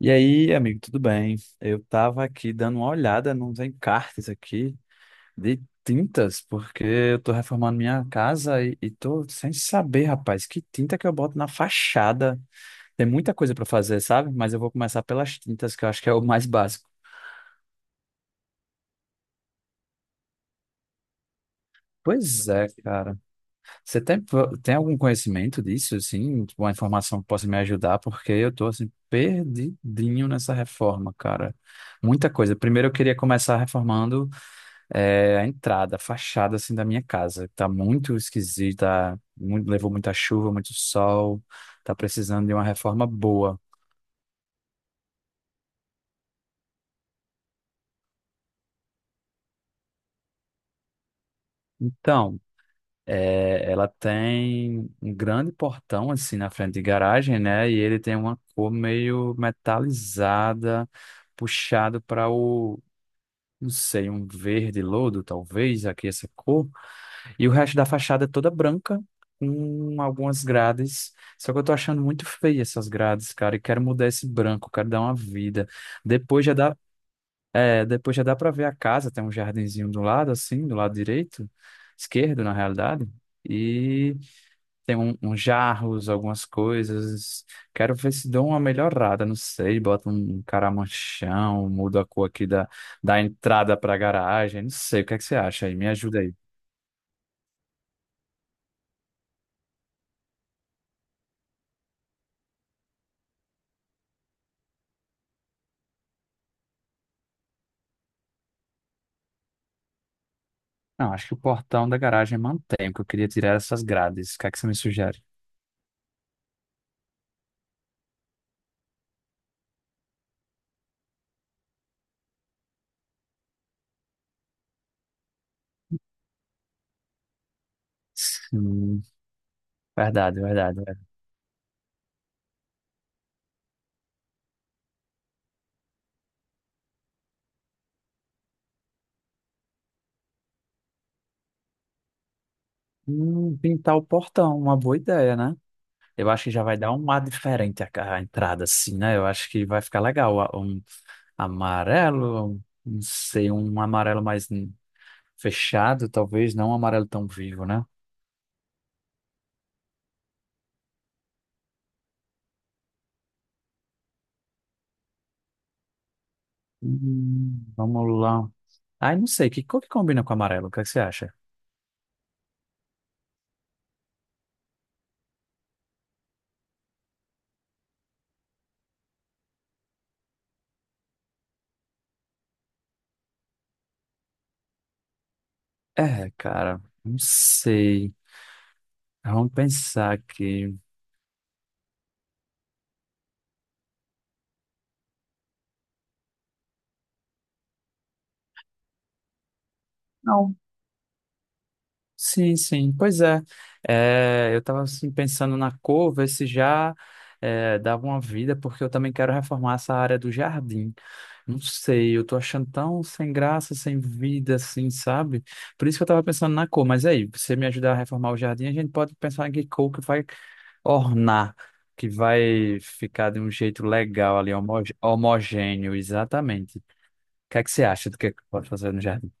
E aí, amigo, tudo bem? Eu tava aqui dando uma olhada nos encartes aqui de tintas, porque eu tô reformando minha casa e tô sem saber, rapaz, que tinta que eu boto na fachada. Tem muita coisa pra fazer, sabe? Mas eu vou começar pelas tintas, que eu acho que é o mais básico. Pois é, cara. Você tem, tem algum conhecimento disso, assim? Tipo, uma informação que possa me ajudar? Porque eu tô, assim, perdidinho nessa reforma, cara. Muita coisa. Primeiro eu queria começar reformando. É a entrada, a fachada assim da minha casa. Tá muito esquisita, levou muita chuva, muito sol, tá precisando de uma reforma boa. Então, é, ela tem um grande portão assim na frente de garagem, né? E ele tem uma cor meio metalizada, puxado para o, não sei, um verde lodo, talvez, aqui essa cor. E o resto da fachada é toda branca, com algumas grades. Só que eu tô achando muito feia essas grades, cara, e quero mudar esse branco, quero dar uma vida. Depois já dá, depois já dá para ver a casa, tem um jardinzinho do lado, assim, do lado direito, esquerdo, na realidade. E tem um, uns jarros, algumas coisas. Quero ver se dou uma melhorada, não sei, bota um caramanchão, muda a cor da entrada para a garagem, não sei, o que é que você acha aí? Me ajuda aí. Não, acho que o portão da garagem mantém, porque eu queria tirar essas grades. O que é que você me sugere? Sim, verdade, verdade, verdade. Pintar o portão, uma boa ideia, né? Eu acho que já vai dar um ar a entrada, assim, né? Eu acho que vai ficar legal. Um amarelo, não sei, um amarelo mais fechado, talvez, não um amarelo tão vivo, né? Vamos lá. Ai, não sei, que cor que combina com amarelo? O que é que você acha? É, cara, não sei. Vamos pensar aqui. Não. Sim, sim. Pois é. É, eu estava assim, pensando na cor, ver se dava uma vida, porque eu também quero reformar essa área do jardim. Não sei, eu tô achando tão sem graça, sem vida, assim, sabe? Por isso que eu estava pensando na cor. Mas aí, você me ajudar a reformar o jardim, a gente pode pensar em que cor que vai ornar, que vai ficar de um jeito legal ali, homogêneo, exatamente. O que é que você acha do que é que pode fazer no jardim?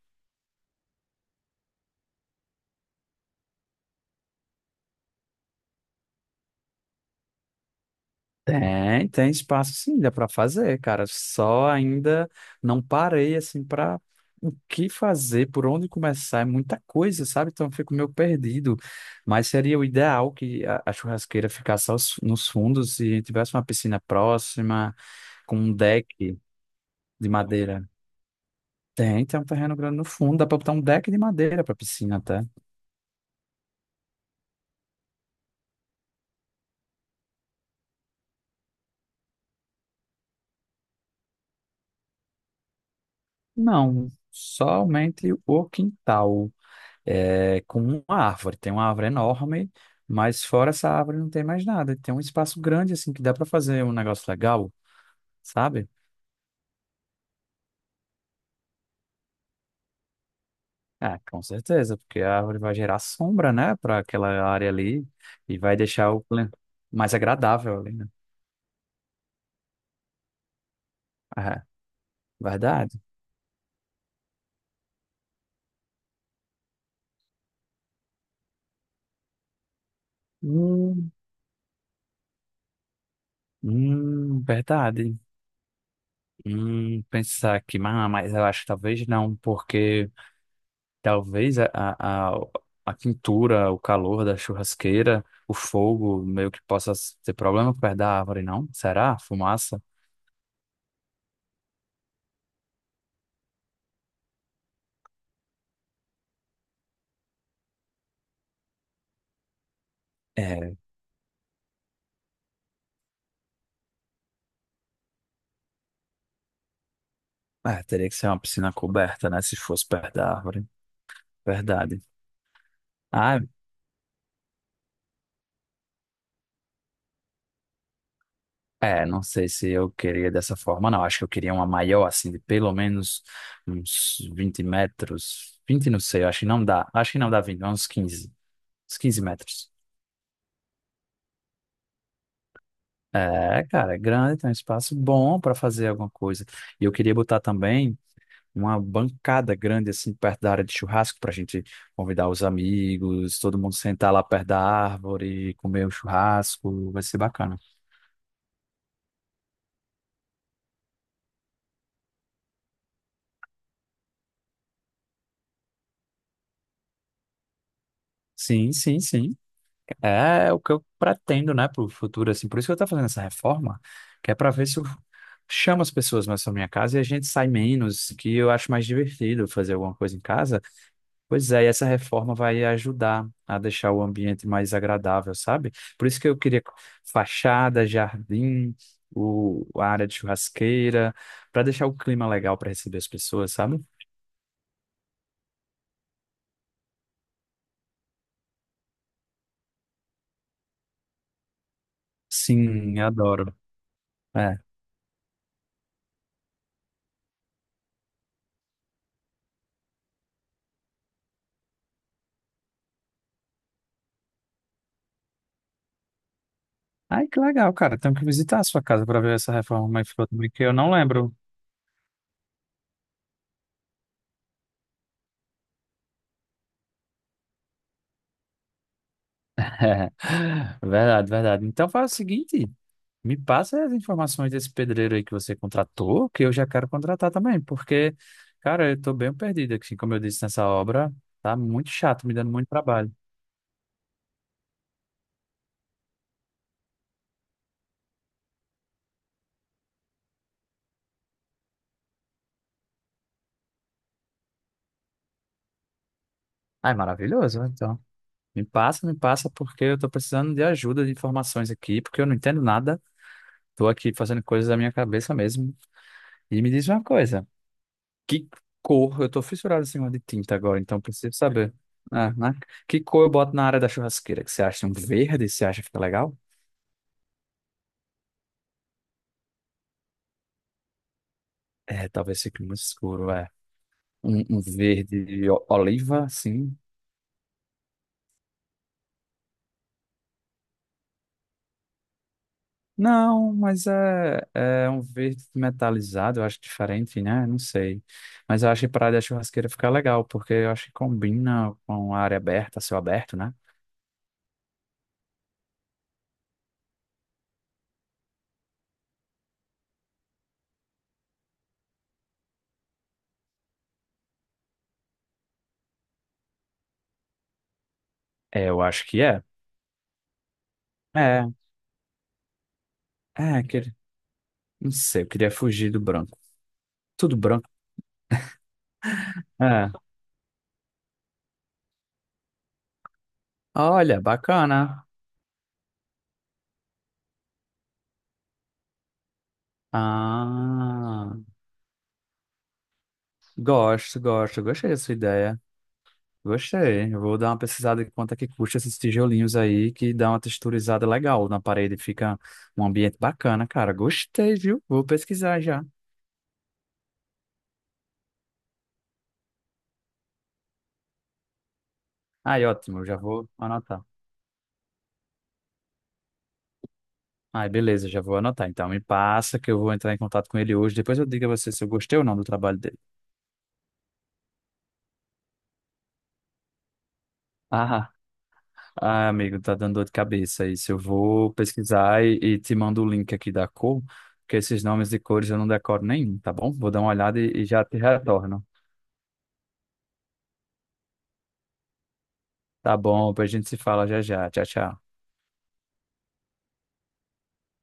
Tem, tem espaço sim, dá para fazer, cara. Só ainda não parei assim para o que fazer, por onde começar, é muita coisa, sabe? Então eu fico meio perdido. Mas seria o ideal que a churrasqueira ficasse nos fundos e tivesse uma piscina próxima, com um deck de madeira. Tem, tem um terreno grande no fundo, dá para botar um deck de madeira para piscina até. Não, somente o quintal, é, com uma árvore. Tem uma árvore enorme, mas fora essa árvore não tem mais nada. Tem um espaço grande, assim, que dá para fazer um negócio legal, sabe? Ah, com certeza, porque a árvore vai gerar sombra, né, para aquela área ali e vai deixar mais agradável ali, né? Ah, verdade. Hum, verdade. Pensar que, mas eu acho que talvez não, porque. Talvez a a quintura, o calor da churrasqueira, o fogo, meio que possa ser problema perto da árvore, não? Será? Fumaça? É, ah, teria que ser uma piscina coberta, né? Se fosse perto da árvore. Verdade. Ah, é, não sei se eu queria dessa forma, não. Acho que eu queria uma maior, assim, de pelo menos uns 20 metros. Vinte não sei, acho que não dá. Acho que não dá 20 uns quinze. Uns 15 metros. É, cara, é grande, tem um espaço bom para fazer alguma coisa. E eu queria botar também uma bancada grande, assim, perto da área de churrasco, para a gente convidar os amigos, todo mundo sentar lá perto da árvore, comer o churrasco, vai ser bacana. Sim, sim, sim. É o que eu pretendo, né, para o futuro, assim. Por isso que eu estou fazendo essa reforma, que é para ver se eu chamo as pessoas mais para minha casa e a gente sai menos, que eu acho mais divertido fazer alguma coisa em casa. Pois é, e essa reforma vai ajudar a deixar o ambiente mais agradável, sabe? Por isso que eu queria fachada, jardim, a área de churrasqueira, para deixar o clima legal para receber as pessoas, sabe? Sim, eu adoro. É. Ai, que legal, cara. Tenho que visitar a sua casa para ver essa reforma como é que ficou também, que eu não lembro. Verdade, verdade. Então faz o seguinte. Me passa as informações desse pedreiro aí que você contratou, que eu já quero contratar também, porque, cara, eu tô bem perdido aqui, como eu disse nessa obra, tá muito chato, me dando muito trabalho. Ai, maravilhoso, então. Me passa, porque eu tô precisando de ajuda, de informações aqui, porque eu não entendo nada, tô aqui fazendo coisas da minha cabeça mesmo. E me diz uma coisa, que cor, eu tô fissurado em cima de tinta agora, então preciso saber. Ah, né? Que cor eu boto na área da churrasqueira? Que você acha um verde? Você acha que fica legal? É, talvez fique muito escuro, é. Um verde oliva, assim. Não, mas é um verde metalizado, eu acho diferente, né? Não sei. Mas eu acho que praia da churrasqueira fica legal, porque eu acho que combina com a área aberta, céu aberto, né? É, eu acho que é. É, aquele, não sei, eu queria fugir do branco. Tudo branco. É. Olha, bacana. Ah, gosto, gosto, gostei dessa ideia. Gostei. Eu vou dar uma pesquisada em quanto é que custa esses tijolinhos aí, que dá uma texturizada legal na parede. Fica um ambiente bacana, cara. Gostei, viu? Vou pesquisar já. Ai, ótimo, eu já vou anotar. Ai, beleza, já vou anotar. Então, me passa que eu vou entrar em contato com ele hoje. Depois eu digo a você se eu gostei ou não do trabalho dele. Ah, ah, amigo, tá dando dor de cabeça isso. Eu vou pesquisar e te mando o link aqui da cor, porque esses nomes de cores eu não decoro nenhum, tá bom? Vou dar uma olhada e já te retorno. Tá bom, depois a gente se fala já já. Tchau, tchau.